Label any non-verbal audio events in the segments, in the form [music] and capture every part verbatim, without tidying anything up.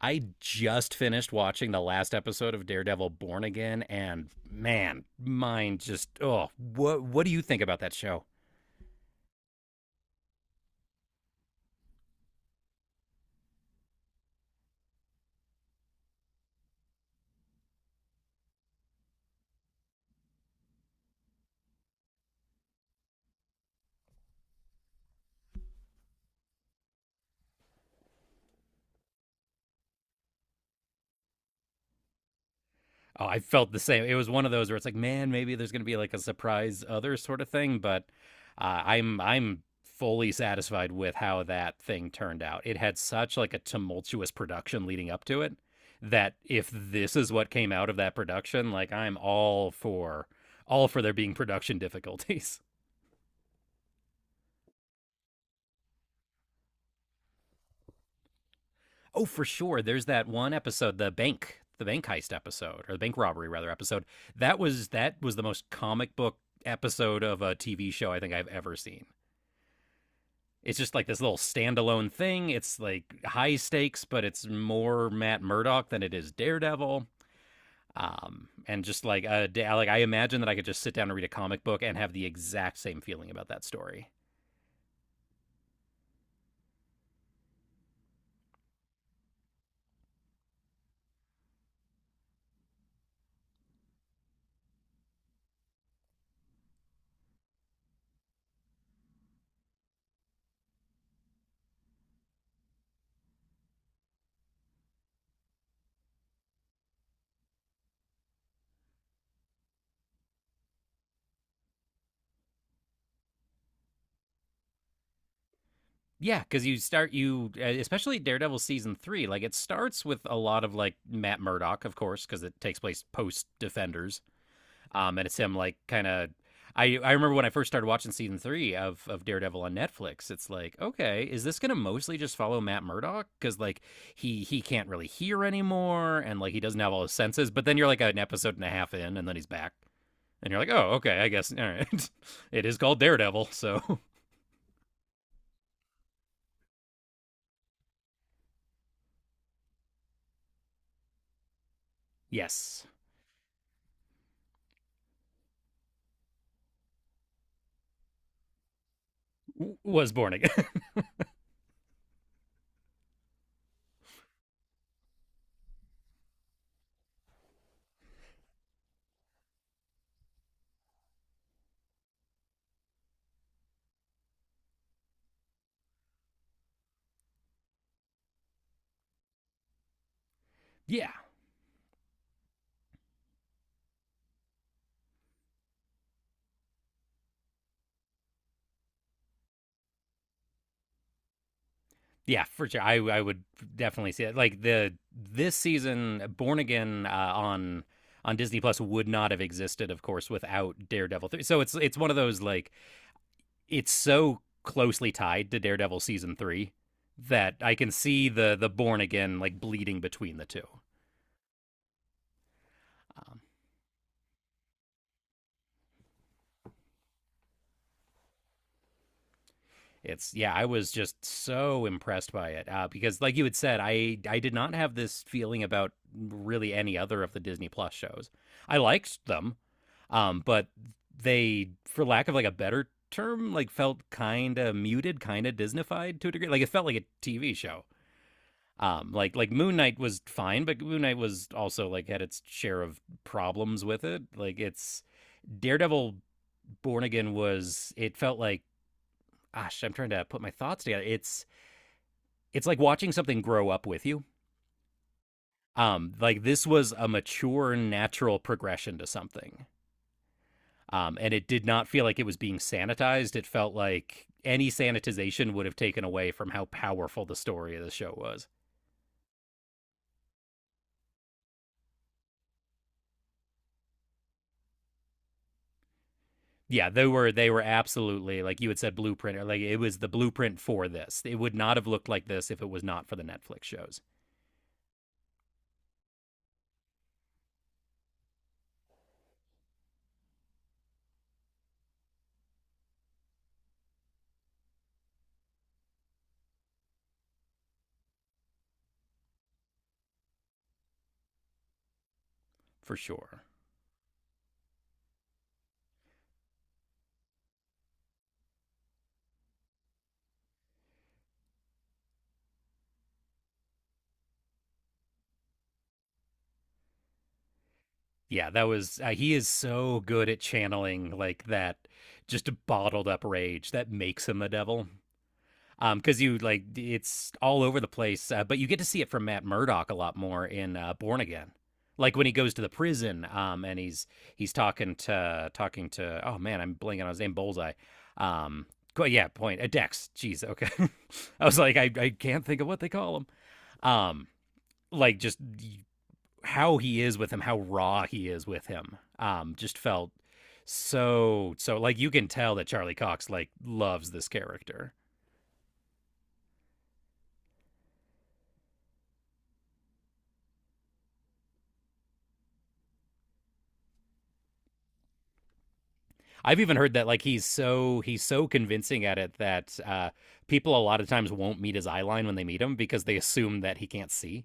I just finished watching the last episode of Daredevil Born Again, and man, mine just oh, what what do you think about that show? Oh, I felt the same. It was one of those where it's like, man, maybe there's going to be like a surprise other sort of thing, but uh, I'm I'm fully satisfied with how that thing turned out. It had such like a tumultuous production leading up to it that if this is what came out of that production, like I'm all for all for there being production [laughs] difficulties. Oh, for sure. There's that one episode, the bank, the bank heist episode, or the bank robbery rather episode. That was that was the most comic book episode of a T V show I think I've ever seen. It's just like this little standalone thing. It's like high stakes, but it's more Matt Murdock than it is Daredevil. Um, and just like a like I imagine that I could just sit down and read a comic book and have the exact same feeling about that story. Yeah, because you start you uh, especially Daredevil season three. Like it starts with a lot of like Matt Murdock, of course, because it takes place post Defenders, um, and it's him like kind of. I I remember when I first started watching season three of of Daredevil on Netflix. It's like, okay, is this gonna mostly just follow Matt Murdock? Because like he he can't really hear anymore, and like he doesn't have all his senses. But then you're like an episode and a half in, and then he's back, and you're like, oh, okay, I guess all right. [laughs] It is called Daredevil, so [laughs] yes, was born again. [laughs] Yeah, yeah, for sure. I I would definitely see it. Like the this season, Born Again uh, on on Disney Plus would not have existed, of course, without Daredevil three. So it's it's one of those like it's so closely tied to Daredevil season three that I can see the the Born Again like bleeding between the two. Um, It's yeah, I was just so impressed by it uh, because, like you had said, I I did not have this feeling about really any other of the Disney Plus shows. I liked them, um, but they, for lack of like a better term, like felt kind of muted, kind of Disneyfied to a degree. Like it felt like a T V show. Um, like like Moon Knight was fine, but Moon Knight was also like had its share of problems with it. Like it's Daredevil, Born Again was it felt like gosh, I'm trying to put my thoughts together. It's it's like watching something grow up with you. Um, like this was a mature, natural progression to something. Um, and it did not feel like it was being sanitized. It felt like any sanitization would have taken away from how powerful the story of the show was. Yeah, they were they were absolutely like you had said blueprint or like it was the blueprint for this. It would not have looked like this if it was not for the Netflix shows, for sure. Yeah, that was uh, he is so good at channeling like that just bottled up rage that makes him a devil. Um, because you like it's all over the place, uh, but you get to see it from Matt Murdock a lot more in uh, Born Again, like when he goes to the prison, um, and he's he's talking to talking to oh man, I'm blanking on his name, Bullseye, um, co- yeah, point a uh, Dex. Jeez, okay, [laughs] I was like I I can't think of what they call him, um, like just how he is with him, how raw he is with him, um, just felt so so like you can tell that Charlie Cox like loves this character. I've even heard that like he's so he's so convincing at it that uh, people a lot of times won't meet his eye line when they meet him because they assume that he can't see.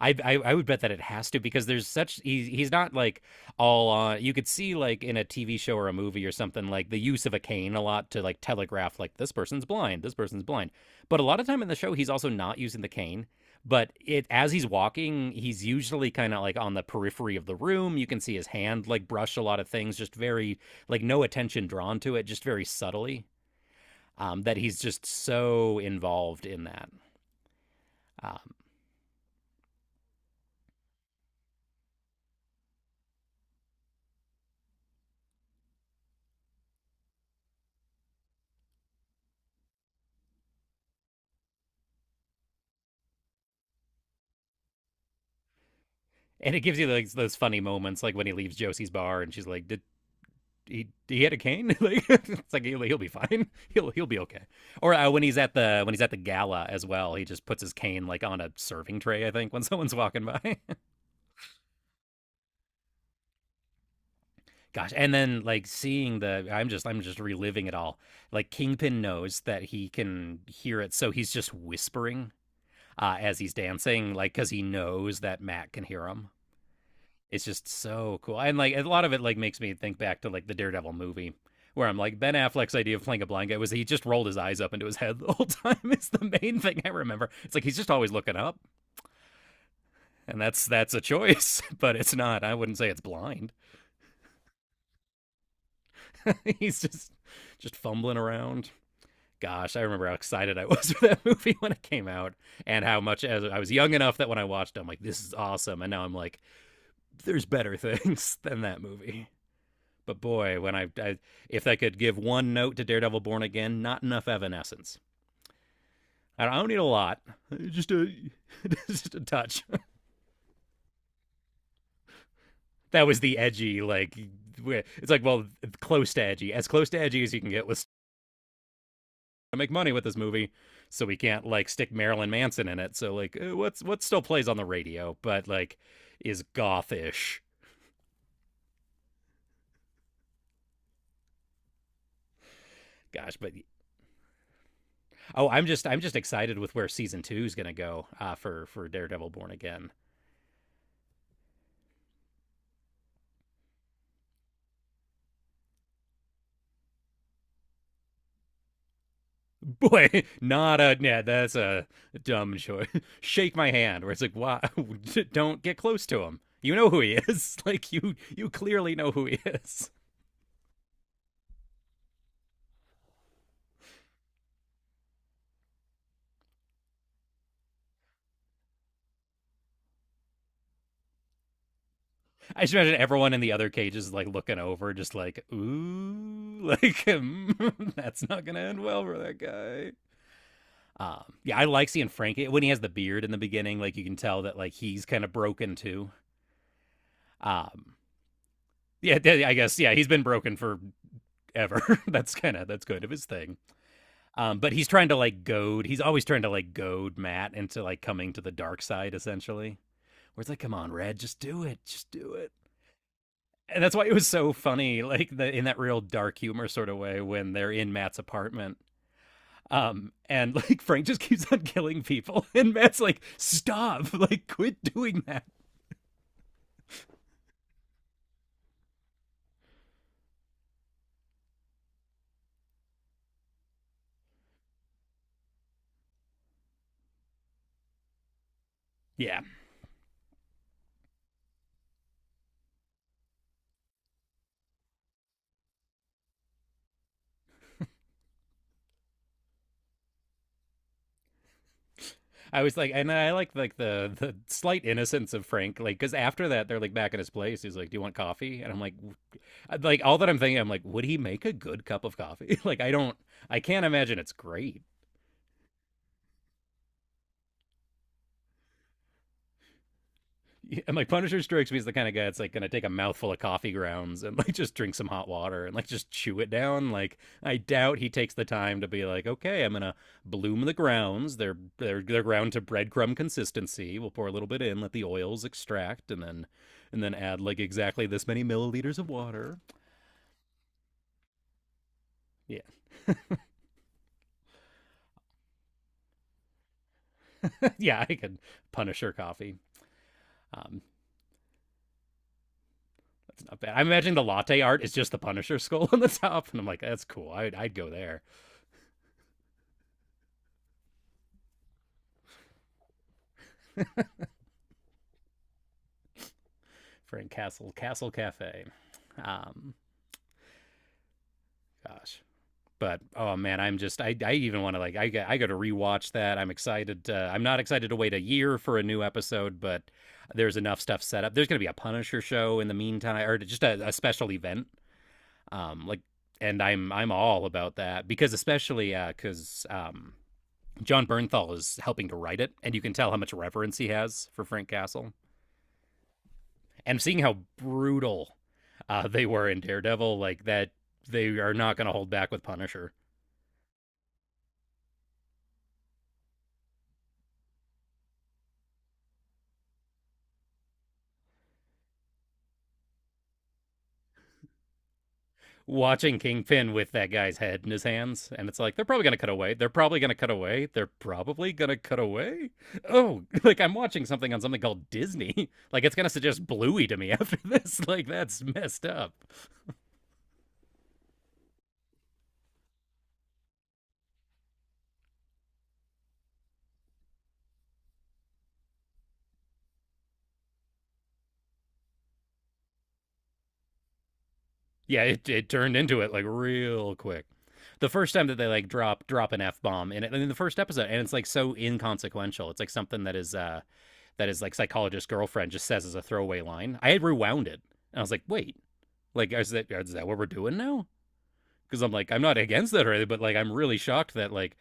I, I I would bet that it has to because there's such he's he's not like all on. You could see like in a T V show or a movie or something like the use of a cane a lot to like telegraph like this person's blind, this person's blind. But a lot of time in the show, he's also not using the cane. But it as he's walking, he's usually kind of like on the periphery of the room. You can see his hand like brush a lot of things, just very like no attention drawn to it, just very subtly. Um, that he's just so involved in that. Um, and it gives you like those funny moments, like when he leaves Josie's bar and she's like, "Did he? He had a cane? [laughs] Like it's like he'll, he'll be fine. [laughs] He'll he'll be okay." Or uh, when he's at the when he's at the gala as well, he just puts his cane like on a serving tray. I think [laughs] when someone's walking by, [laughs] gosh. And then like seeing the, I'm just I'm just reliving it all. Like Kingpin knows that he can hear it, so he's just whispering uh, as he's dancing, like because he knows that Matt can hear him. It's just so cool. And like a lot of it like makes me think back to like the Daredevil movie where I'm like Ben Affleck's idea of playing a blind guy was he just rolled his eyes up into his head [laughs] the whole time is the main thing I remember. It's like he's just always looking up and that's that's a choice, [laughs] but it's not. I wouldn't say it's blind. [laughs] He's just just fumbling around. Gosh, I remember how excited I [laughs] was for that movie when it came out and how much as I was young enough that when I watched it, I'm like, this is awesome. And now I'm like, there's better [laughs] things than that movie. But boy, when I, I if I could give one note to Daredevil Born Again, not enough Evanescence. I don't need a lot, just a [laughs] just a touch. [laughs] That was the edgy, like it's like well, close to edgy, as close to edgy as you can get with [laughs] to make money with this movie, so we can't like stick Marilyn Manson in it. So like, eh, what's what still plays on the radio, but like is gothish. Gosh, but oh, I'm just I'm just excited with where season two is gonna go uh, for for Daredevil Born Again. [laughs] Boy, not a yeah. That's a dumb choice. [laughs] Shake my hand, where it's like, why? [laughs] Don't get close to him. You know who he [laughs] is. Like you, you clearly know who he is. [laughs] I just imagine everyone in the other cages like looking over, just like, ooh, like [laughs] mm, that's not gonna end well for that guy. Um, yeah, I like seeing Frank when he has the beard in the beginning. Like you can tell that like he's kind of broken too. Um, yeah, yeah, I guess yeah, he's been broken for ever. [laughs] That's kind of that's good of his thing. Um, but he's trying to like goad. He's always trying to like goad Matt into like coming to the dark side, essentially. Where it's like, come on, Red, just do it, just do it. And that's why it was so funny, like the, in that real dark humor sort of way when they're in Matt's apartment. Um, and [laughs] like Frank just keeps on killing people, [laughs] and Matt's like, stop, [laughs] like quit doing that. Yeah, I was like, and I like like the the slight innocence of Frank, like because after that they're like back at his place. He's like, "Do you want coffee?" And I'm like, Like all that I'm thinking, I'm like, would he make a good cup of coffee? [laughs] Like I don't, I can't imagine it's great. [laughs] And like Punisher strikes me as the kind of guy that's like gonna take a mouthful of coffee grounds and [laughs] like just drink some hot water and like just chew it down. Like I doubt he takes the time to be like, okay, I'm gonna bloom the grounds. They're they're they're ground to breadcrumb consistency. We'll pour a little bit in, let the oils extract, and then and then add like exactly this many milliliters of water. Yeah, [laughs] yeah, I could Punisher coffee. Um, Not bad. I'm imagining the latte art is just the Punisher skull [laughs] on the top, and I'm like, that's cool. I'd I'd go there. Frank Castle Castle Cafe. Um, gosh. But oh man, I'm just I, I even want to like I I got to rewatch that. I'm excited. To, I'm not excited to wait a year for a new episode, but there's enough stuff set up. There's gonna be a Punisher show in the meantime, or just a, a special event. Um, like, and I'm I'm all about that because especially because uh, um John Bernthal is helping to write it, and you can tell how much reverence he has for Frank Castle. And seeing how brutal uh, they were in Daredevil, like that, they are not going to hold back with Punisher. Watching Kingpin with that guy's head in his hands, and it's like they're probably going to cut away. They're probably going to cut away. They're probably going to cut away. Oh, [laughs] like I'm watching something on something called Disney. [laughs] Like it's going to suggest Bluey to me [laughs] after this. Like that's messed up. Yeah, it, it turned into it like real quick. The first time that they like drop drop an f bomb in it in the first episode, and it's like so inconsequential. It's like something that is uh that is like psychologist girlfriend just says as a throwaway line. I had rewound it, and I was like, wait, like is that is that what we're doing now? Because I'm like I'm not against that or anything, but like I'm really shocked that like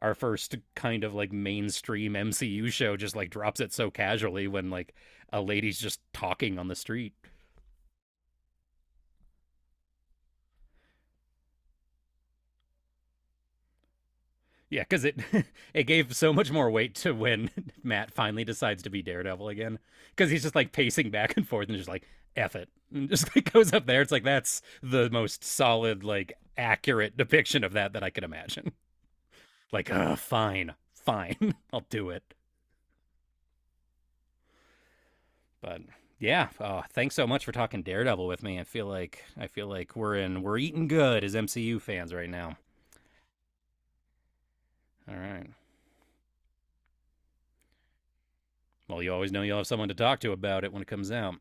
our first kind of like mainstream M C U show just like drops it so casually when like a lady's just talking on the street. Yeah, because it [laughs] it gave so much more weight to when [laughs] Matt finally decides to be Daredevil again. Because he's just like pacing back and forth and just like F it, and just [laughs] like goes up there. It's like that's the most solid, like accurate depiction of that that I could imagine. [laughs] Like, uh, fine, fine, [laughs] I'll do it. But yeah, uh, thanks so much for talking Daredevil with me. I feel like I feel like we're in we're eating good as M C U fans right now. All right. Well, you always know you'll have someone to talk to about it when it comes out.